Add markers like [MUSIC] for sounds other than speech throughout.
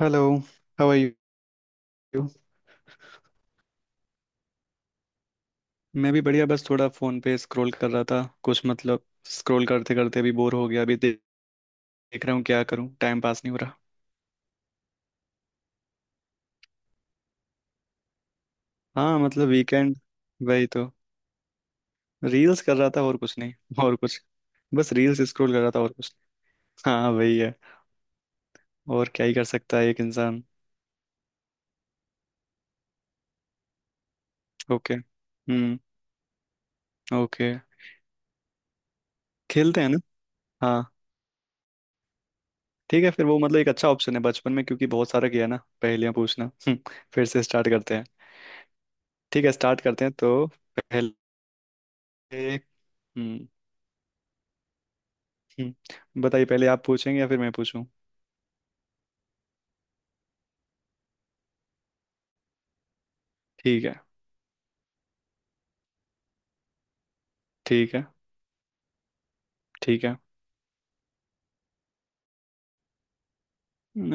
Hello. How are you. मैं भी बढ़िया, बस थोड़ा फोन पे स्क्रॉल कर रहा था कुछ मतलब। स्क्रॉल करते करते अभी बोर हो गया, अभी देख रहा हूँ क्या करूँ, टाइम पास नहीं हो रहा। हाँ मतलब वीकेंड, वही तो। रील्स कर रहा था और कुछ नहीं। और कुछ बस रील्स स्क्रॉल कर रहा था और कुछ नहीं। हाँ वही है। और क्या ही कर सकता है एक इंसान। ओके। हम्म। ओके। खेलते हैं ना। हाँ। ठीक है फिर वो मतलब एक अच्छा ऑप्शन है, बचपन में क्योंकि बहुत सारा किया ना पहेलियां पूछना। फिर से स्टार्ट करते हैं। ठीक है स्टार्ट करते हैं तो। एक। हम्म। हम्म। बताइए पहले आप पूछेंगे या फिर मैं पूछूं। ठीक है। ठीक है। ठीक है।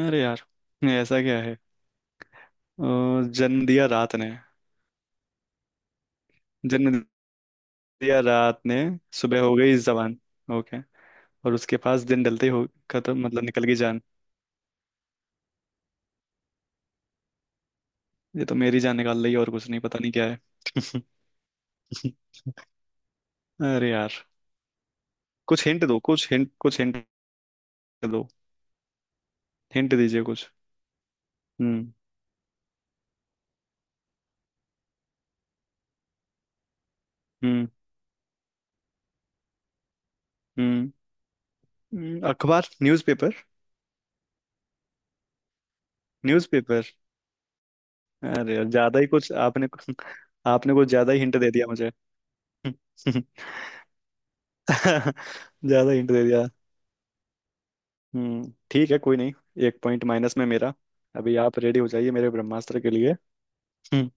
अरे यार ऐसा क्या है। अ, जन्म दिया रात ने, जन्म दिया रात ने, सुबह हो गई जवान। ओके। और उसके पास दिन ढलते ही हो खत्म मतलब निकल गई जान। ये तो मेरी जान निकाल रही है और कुछ नहीं, पता नहीं क्या है। [LAUGHS] अरे यार, कुछ हिंट दो कुछ हिंट दो, हिंट दीजिए कुछ। हम्म। हम्म। हम्म। अखबार न्यूज़पेपर। न्यूज़पेपर। अरे यार, ज्यादा ही कुछ आपने। [LAUGHS] आपने कुछ ज्यादा ही हिंट दे दिया मुझे। [LAUGHS] ज्यादा हिंट दे दिया। ठीक है कोई नहीं। एक पॉइंट माइनस में मेरा। अभी आप रेडी हो जाइए मेरे ब्रह्मास्त्र के लिए। हम्म।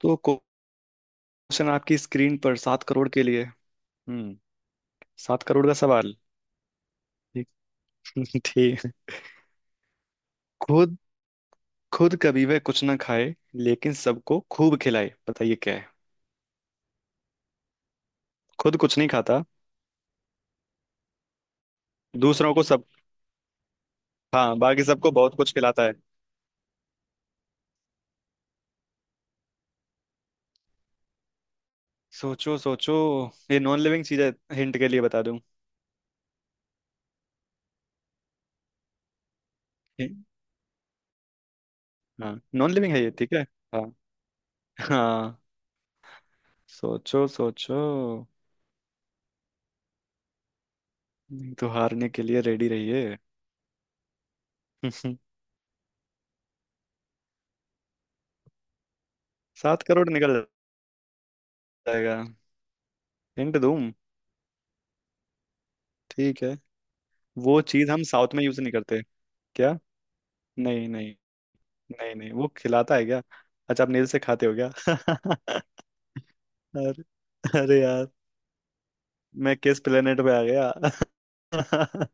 तो क्वेश्चन आपकी स्क्रीन पर 7 करोड़ के लिए। हम्म। 7 करोड़ का सवाल। ठीक। [LAUGHS] ठीक। खुद खुद कभी वह कुछ ना खाए लेकिन सबको खूब खिलाए, बताइए क्या है। खुद कुछ नहीं खाता, दूसरों को सब। हाँ बाकी सबको बहुत कुछ खिलाता है। सोचो सोचो, ये नॉन लिविंग चीज है, हिंट के लिए बता दूं। हि-। हाँ नॉन लिविंग है ये ठीक है। हाँ। हाँ। सोचो सोचो, नहीं तो हारने के लिए रेडी रहिए। [LAUGHS] 7 करोड़ निकल जाएगा। हिंट दूं? ठीक है। वो चीज हम साउथ में यूज नहीं करते। क्या? नहीं नहीं। नहीं नहीं वो खिलाता है क्या। अच्छा आप नील से खाते हो क्या। [LAUGHS] अरे। अरे यार मैं किस प्लेनेट पे आ गया। [LAUGHS]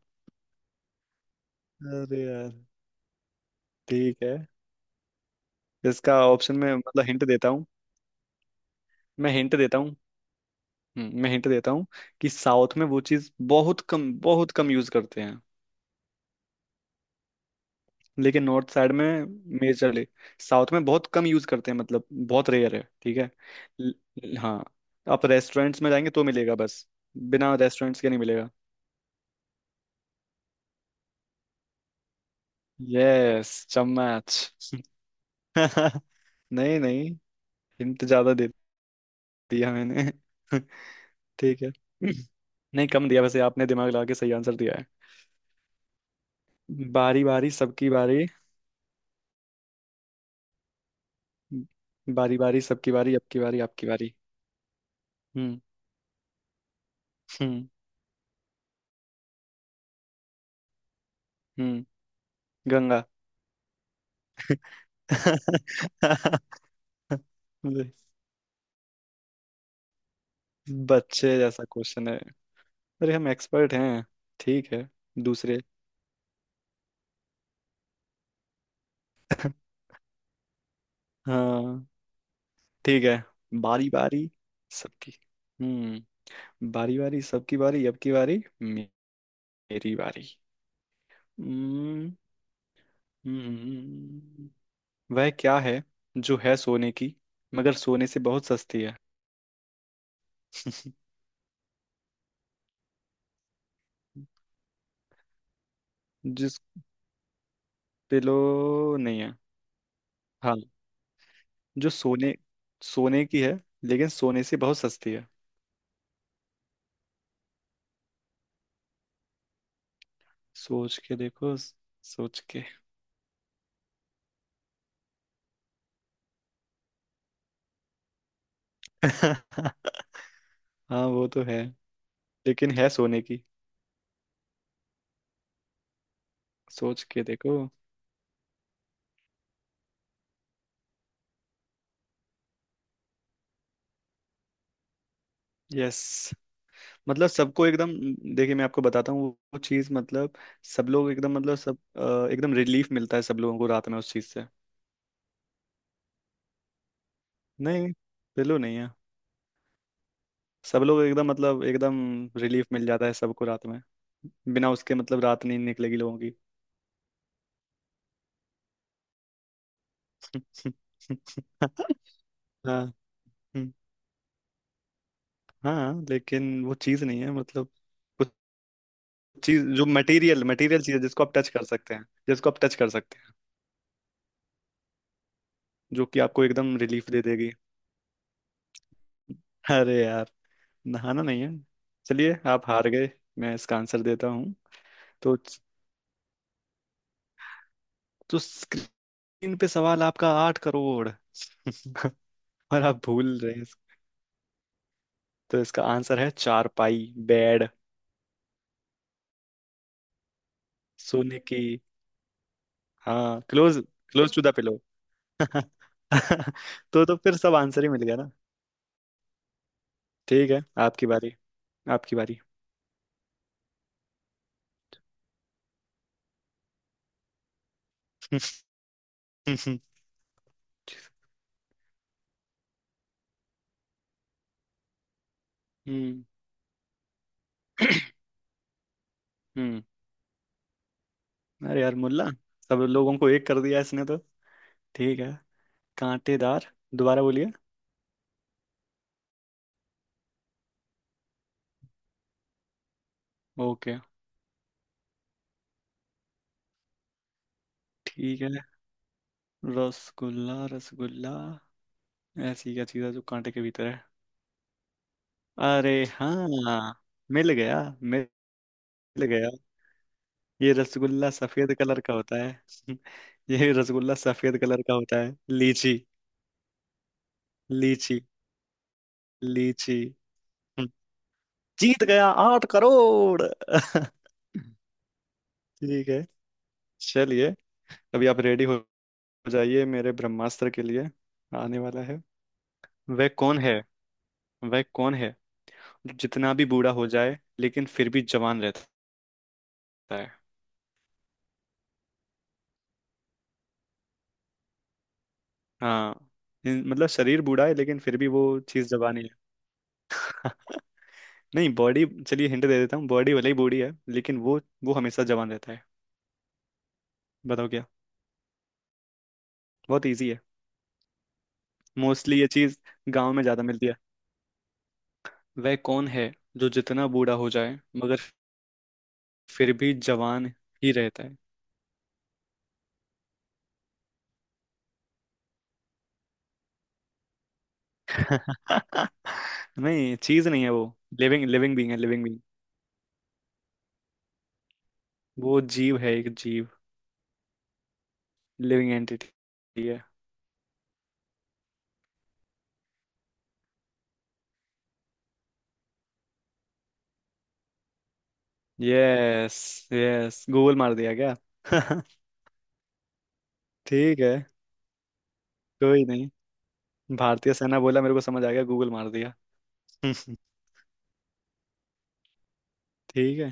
अरे यार। ठीक है इसका ऑप्शन में मतलब हिंट देता हूँ। मैं हिंट देता हूँ। मैं हिंट देता हूँ कि साउथ में वो चीज़ बहुत कम यूज करते हैं लेकिन नॉर्थ साइड में मेजरली। साउथ में बहुत कम यूज करते हैं मतलब बहुत रेयर है ठीक है। ल- हाँ आप रेस्टोरेंट्स में जाएंगे तो मिलेगा बस, बिना रेस्टोरेंट्स के नहीं मिलेगा। यस चम्मच। [LAUGHS] नहीं नहीं, हिंट ज्यादा दे दिया मैंने। [LAUGHS] ठीक है। [CLEARS THROAT] नहीं कम दिया, वैसे आपने दिमाग लगा के सही आंसर दिया। बारी बारी सबकी बारी। बारी बारी सबकी बारी अबकी बारी आपकी बारी। हम्म। हम्म। हम्म। गंगा। [LAUGHS] बच्चे जैसा क्वेश्चन है, अरे हम एक्सपर्ट हैं। ठीक है दूसरे। हाँ। ठीक है। बारी बारी सबकी। हम्म। बारी बारी सबकी बारी अब की बारी मेरी बारी। हम्म। हम्म। वह क्या है जो है सोने की मगर सोने से बहुत सस्ती है। जिस, पिलो नहीं है। हाँ, जो सोने, सोने की है लेकिन सोने से बहुत सस्ती है। सोच के देखो सोच के। [LAUGHS] हाँ वो तो है लेकिन है सोने की। सोच के देखो। यस मतलब सबको एकदम, देखिए मैं आपको बताता हूँ वो चीज़ मतलब सब लोग एकदम मतलब सब एकदम रिलीफ मिलता है सब लोगों को रात में उस चीज़ से। नहीं पिलो नहीं है। सब लोग एकदम मतलब एकदम रिलीफ मिल जाता है सबको रात में, बिना उसके मतलब रात नहीं निकलेगी लोगों। हाँ। हम्म, हाँ लेकिन वो चीज नहीं है मतलब कुछ चीज जो मटेरियल मटेरियल चीज है जिसको आप टच कर सकते हैं, जिसको आप टच कर सकते हैं, जो कि आपको एकदम रिलीफ दे देगी। अरे यार, नहाना नहीं है। चलिए आप हार गए, मैं इसका आंसर देता हूँ। तो तो स्क्रीन पे सवाल आपका 8 करोड़। [LAUGHS] और आप भूल रहे हैं। तो इसका आंसर है चारपाई बेड, सोने की। हाँ close, close to the pillow. [LAUGHS] तो फिर सब आंसर ही मिल गया ना। ठीक है आपकी बारी। आपकी बारी। [LAUGHS] हम्म। हम्म। अरे यार मुल्ला, सब लोगों को एक कर दिया इसने तो। ठीक है। कांटेदार, दोबारा बोलिए। ओके। ठीक है। रसगुल्ला रसगुल्ला, ऐसी क्या चीज़ है जो कांटे के भीतर है। अरे हाँ मिल गया मिल गया। ये रसगुल्ला सफेद कलर का होता है। [LAUGHS] ये रसगुल्ला सफेद कलर का होता है, लीची। लीची। लीची। [LAUGHS] जीत गया 8 करोड़। [LAUGHS] ठीक है। चलिए। अभी आप रेडी हो जाइए मेरे ब्रह्मास्त्र के लिए। आने वाला है। वह कौन है? वह कौन है जो जितना भी बूढ़ा हो जाए लेकिन फिर भी जवान रहता है। हाँ मतलब शरीर बूढ़ा है लेकिन फिर भी वो चीज जवान ही है। [LAUGHS] नहीं बॉडी, चलिए हिंट दे देता हूँ, बॉडी भले ही बूढ़ी है लेकिन वो हमेशा जवान रहता है। बताओ क्या। बहुत इजी है। मोस्टली ये चीज गांव में ज्यादा मिलती है। वह कौन है जो जितना बूढ़ा हो जाए मगर फिर भी जवान ही रहता है। [LAUGHS] नहीं चीज नहीं है वो। लिविंग, लिविंग बीइंग है, लिविंग बीइंग। वो जीव है एक जीव, लिविंग एंटिटी है। यस। यस गूगल मार दिया क्या। [LAUGHS] ठीक है कोई नहीं, भारतीय सेना बोला मेरे को समझ आ गया गूगल मार दिया। ठीक है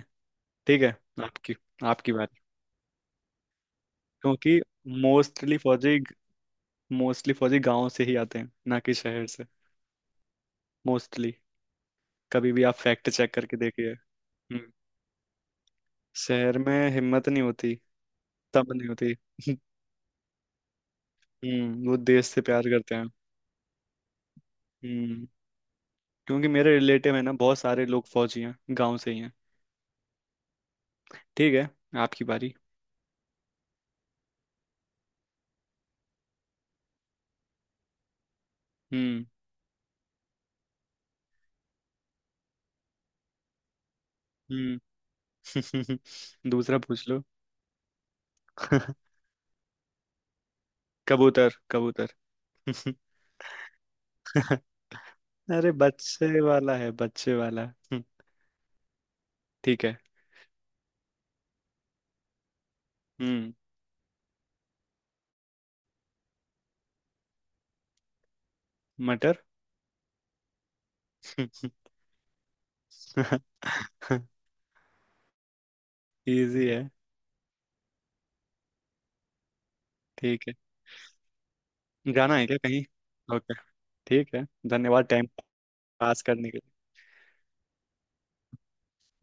ठीक है, आपकी आपकी बात। क्योंकि मोस्टली फौजी, मोस्टली फौजी गांव से ही आते हैं ना कि शहर से। मोस्टली, कभी भी आप फैक्ट चेक करके देखिए। हम्म। शहर में हिम्मत नहीं होती, समझ नहीं होती। [LAUGHS] वो देश से प्यार करते हैं। हम्म। क्योंकि मेरे रिलेटिव है ना, बहुत सारे लोग फौजी हैं गांव से ही हैं। ठीक है आपकी बारी। हम्म। हम्म। [LAUGHS] दूसरा पूछ लो। [LAUGHS] कबूतर कबूतर। [LAUGHS] अरे बच्चे वाला है बच्चे वाला। ठीक है। हम्म। मटर। [LAUGHS] इजी है। ठीक है। गाना है क्या कहीं। ओके ठीक है। धन्यवाद टाइम पास करने के लिए।